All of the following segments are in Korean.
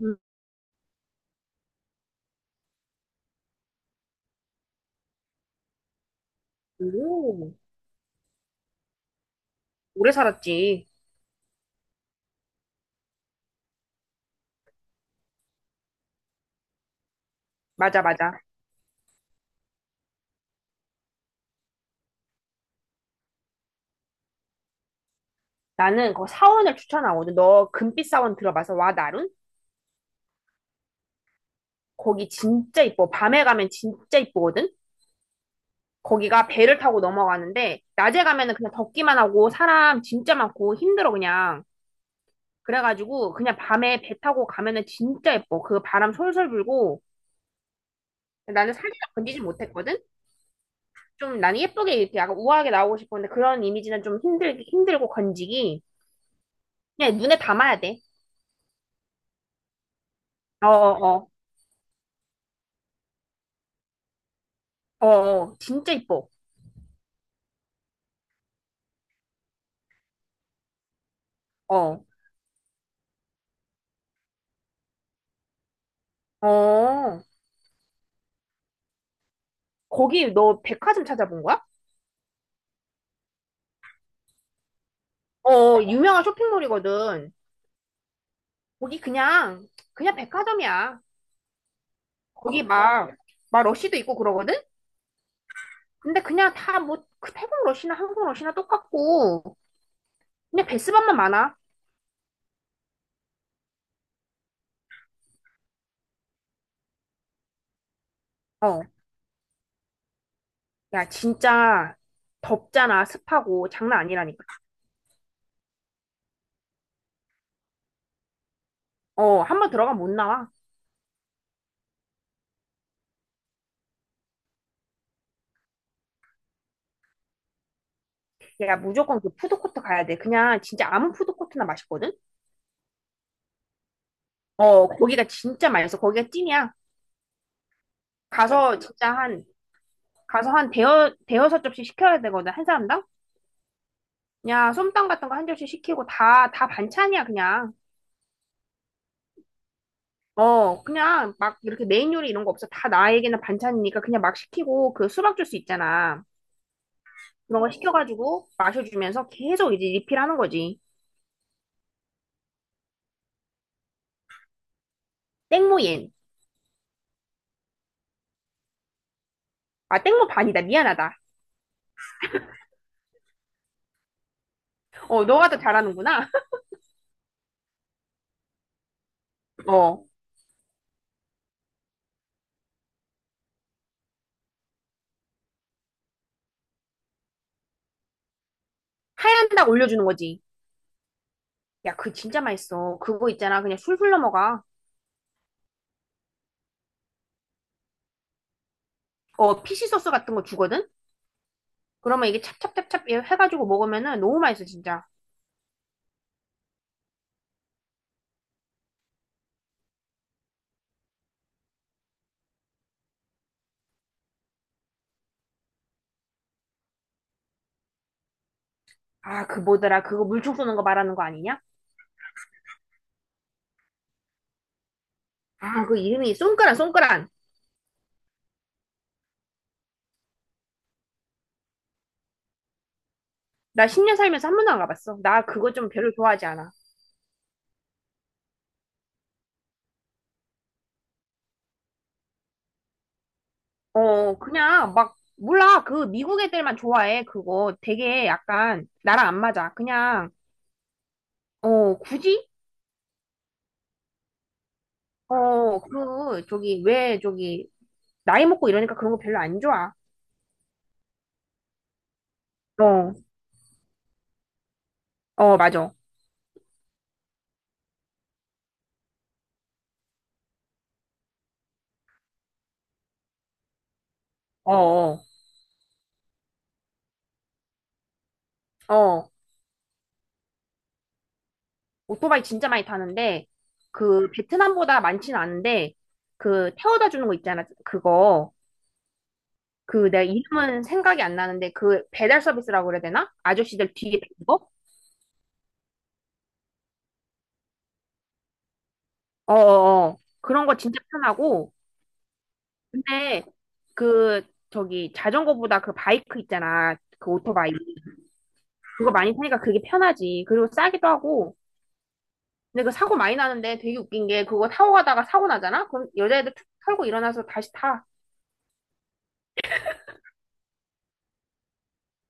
음, 오, 오래 살았지. 맞아, 맞아. 나는 그 사원을 추천하거든. 너 금빛 사원 들어봐서 와, 나룬? 거기 진짜 이뻐. 밤에 가면 진짜 이쁘거든? 거기가 배를 타고 넘어가는데, 낮에 가면은 그냥 덥기만 하고, 사람 진짜 많고, 힘들어, 그냥. 그래가지고, 그냥 밤에 배 타고 가면은 진짜 예뻐. 그 바람 솔솔 불고, 나는 사진을 건지지 못했거든? 좀 나는 예쁘게 이렇게 약간 우아하게 나오고 싶었는데, 그런 이미지는 좀 힘들고 건지기. 그냥 눈에 담아야 돼. 어어어. 어, 어, 진짜 이뻐. 어, 어. 거기 너 백화점 찾아본 거야? 어, 유명한 쇼핑몰이거든. 거기 그냥, 그냥 백화점이야. 거기 막, 막 러쉬도 있고 그러거든? 근데 그냥 다 뭐, 그 태국 러쉬나 한국 러쉬나 똑같고, 그냥 베스밤만 많아. 어, 야, 진짜 덥잖아. 습하고. 장난 아니라니까. 어, 한 번 들어가면 못 나와. 야, 무조건 그 푸드코트 가야 돼. 그냥 진짜 아무 푸드코트나 맛있거든? 어, 거기가 진짜 맛있어. 거기가 찐이야. 가서 진짜 한 가서 한 대여섯 접시 시켜야 되거든, 한 사람당. 그냥 솜땅 같은 거 한 접시 시키고, 다 반찬이야, 그냥. 어, 그냥 막 이렇게 메인 요리 이런 거 없어. 다 나에게는 반찬이니까 그냥 막 시키고, 그 수박 주스 있잖아, 그런 거 시켜가지고 마셔주면서 계속 이제 리필하는 거지. 땡모옌. 아, 땡모 반이다. 미안하다. 어, 너가 더 잘하는구나. 어. 하얀 닭 올려주는 거지. 야, 그 진짜 맛있어, 그거 있잖아. 그냥 술술 넘어가. 어, 피시 소스 같은 거 주거든. 그러면 이게 찹찹찹찹 해가지고 먹으면은 너무 맛있어, 진짜. 아, 그 뭐더라. 그거 물총 쏘는 거 말하는 거 아니냐? 아, 그 이름이 쏜까란, 쏜까란. 나 10년 살면서 한 번도 안 가봤어. 나 그거 좀 별로 좋아하지 않아. 어, 그냥 막, 몰라. 그 미국 애들만 좋아해. 그거 되게 약간 나랑 안 맞아. 그냥, 어, 굳이? 어, 그, 저기, 왜 저기, 나이 먹고 이러니까 그런 거 별로 안 좋아. 어, 어, 맞아. 어, 어. 어. 오토바이 진짜 많이 타는데 그 베트남보다 많지는 않은데, 그 태워다 주는 거 있잖아, 그거. 그 내가 이름은 생각이 안 나는데, 그 배달 서비스라고 그래야 되나? 아저씨들 뒤에 있는 거? 어어어, 그런 거 진짜 편하고. 근데 그, 저기, 자전거보다 그 바이크 있잖아, 그 오토바이. 그거 많이 타니까 그게 편하지. 그리고 싸기도 하고. 근데 그 사고 많이 나는데, 되게 웃긴 게, 그거 타고 가다가 사고 나잖아? 그럼 여자애들 툭 털고 일어나서 다시 타.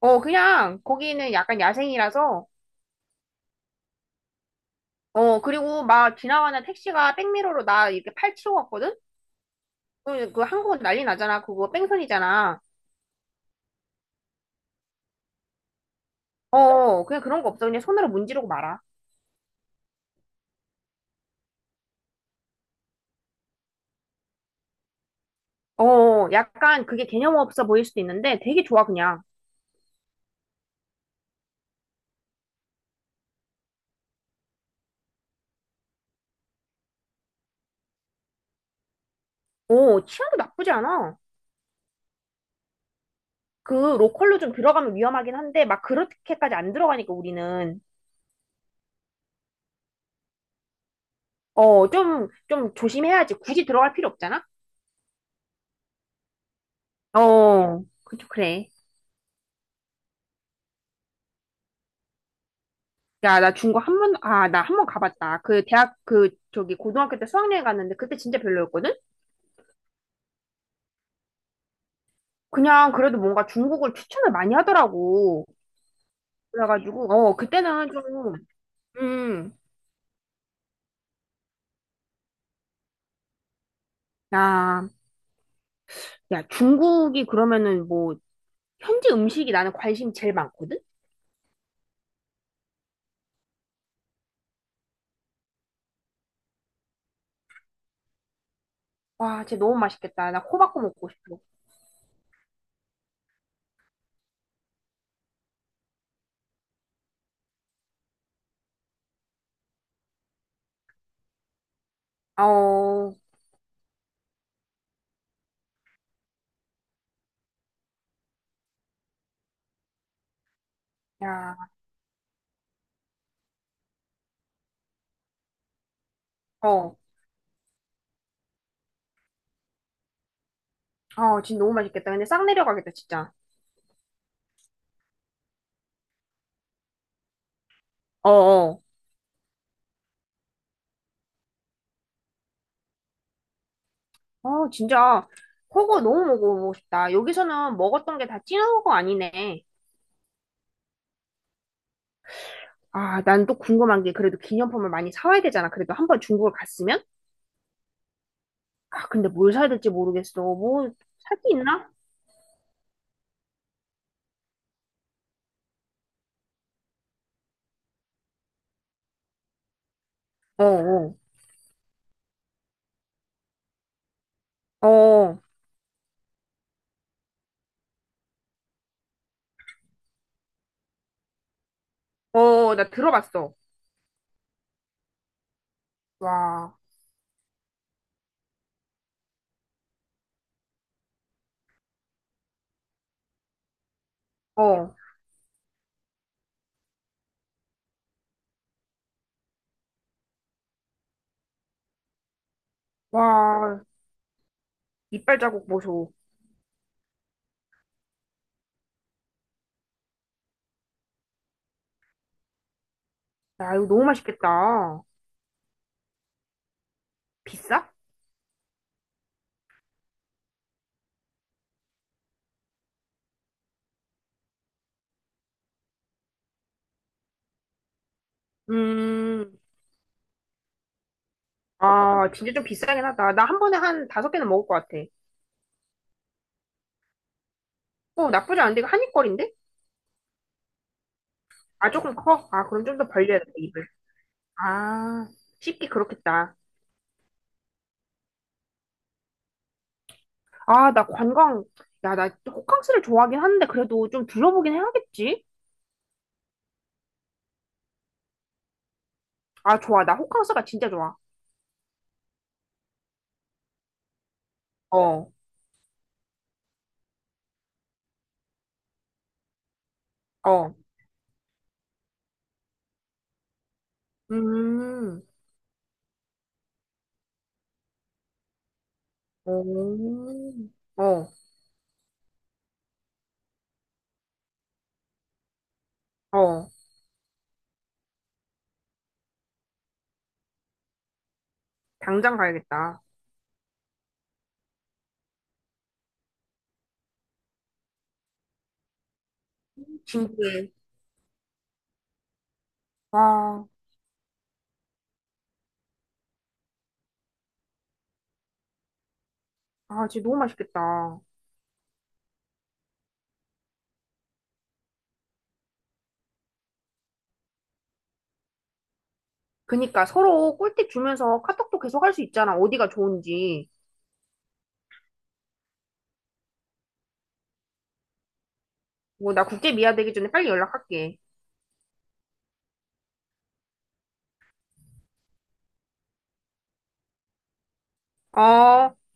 어, 그냥 거기는 약간 야생이라서. 어, 그리고 막 지나가는 택시가 백미러로 나 이렇게 팔 치고 왔거든? 그 한국은 난리 나잖아. 그거 뺑소니잖아. 어, 그냥 그런 거 없어. 그냥 손으로 문지르고 말아. 어, 약간 그게 개념 없어 보일 수도 있는데 되게 좋아, 그냥. 어, 치안도 나쁘지 않아. 그 로컬로 좀 들어가면 위험하긴 한데, 막 그렇게까지 안 들어가니까 우리는. 어, 좀 조심해야지. 굳이 들어갈 필요 없잖아? 어, 그래. 야, 나 한 번 가봤다. 고등학교 때 수학여행 갔는데 그때 진짜 별로였거든? 그냥 그래도 뭔가 중국을 추천을 많이 하더라고. 그래가지고, 어, 그때는 좀, 음, 야, 야, 중국이 그러면은 뭐, 현지 음식이 나는 관심이 제일 많거든? 와, 진짜 너무 맛있겠다. 나 코바코 먹고 싶어. 아, 어, 야, 어, 어, 진짜 너무 맛있겠다. 근데 싹 내려가겠다, 진짜. 어어. 어, 진짜 그거 너무 먹어보고 싶다. 여기서는 먹었던 게 다 찐한거 아니네. 아, 난 또 궁금한 게, 그래도 기념품을 많이 사와야 되잖아, 그래도 한 번 중국을 갔으면? 아, 근데 뭘 사야 될지 모르겠어. 뭐, 살 게 있나? 어, 어, 어, 어, 나 들어봤어. 와, 어, 와, 이빨 자국 보소. 야, 이거 너무 맛있겠다. 비싸? 음, 아, 진짜 좀 비싸긴 하다. 나 한 번에 한 다섯 개는 먹을 것 같아. 어, 나쁘지 않은데 이거 한입거리인데? 아, 조금 커? 아, 그럼 좀 더 벌려야 돼, 입을. 아, 쉽게 그렇겠다. 아, 나 관광, 야, 나 호캉스를 좋아하긴 하는데, 그래도 좀 둘러보긴 해야겠지? 아, 좋아. 나 호캉스가 진짜 좋아. 어, 어. 음, 오, 어, 어. 당장 가야겠다. 진짜. 와, 아, 진짜 너무 맛있겠다. 그니까 서로 꿀팁 주면서 카톡도 계속 할 수 있잖아. 어디가 좋은지. 뭐, 나 국제 미아 되기 전에 빨리 연락할게. 어.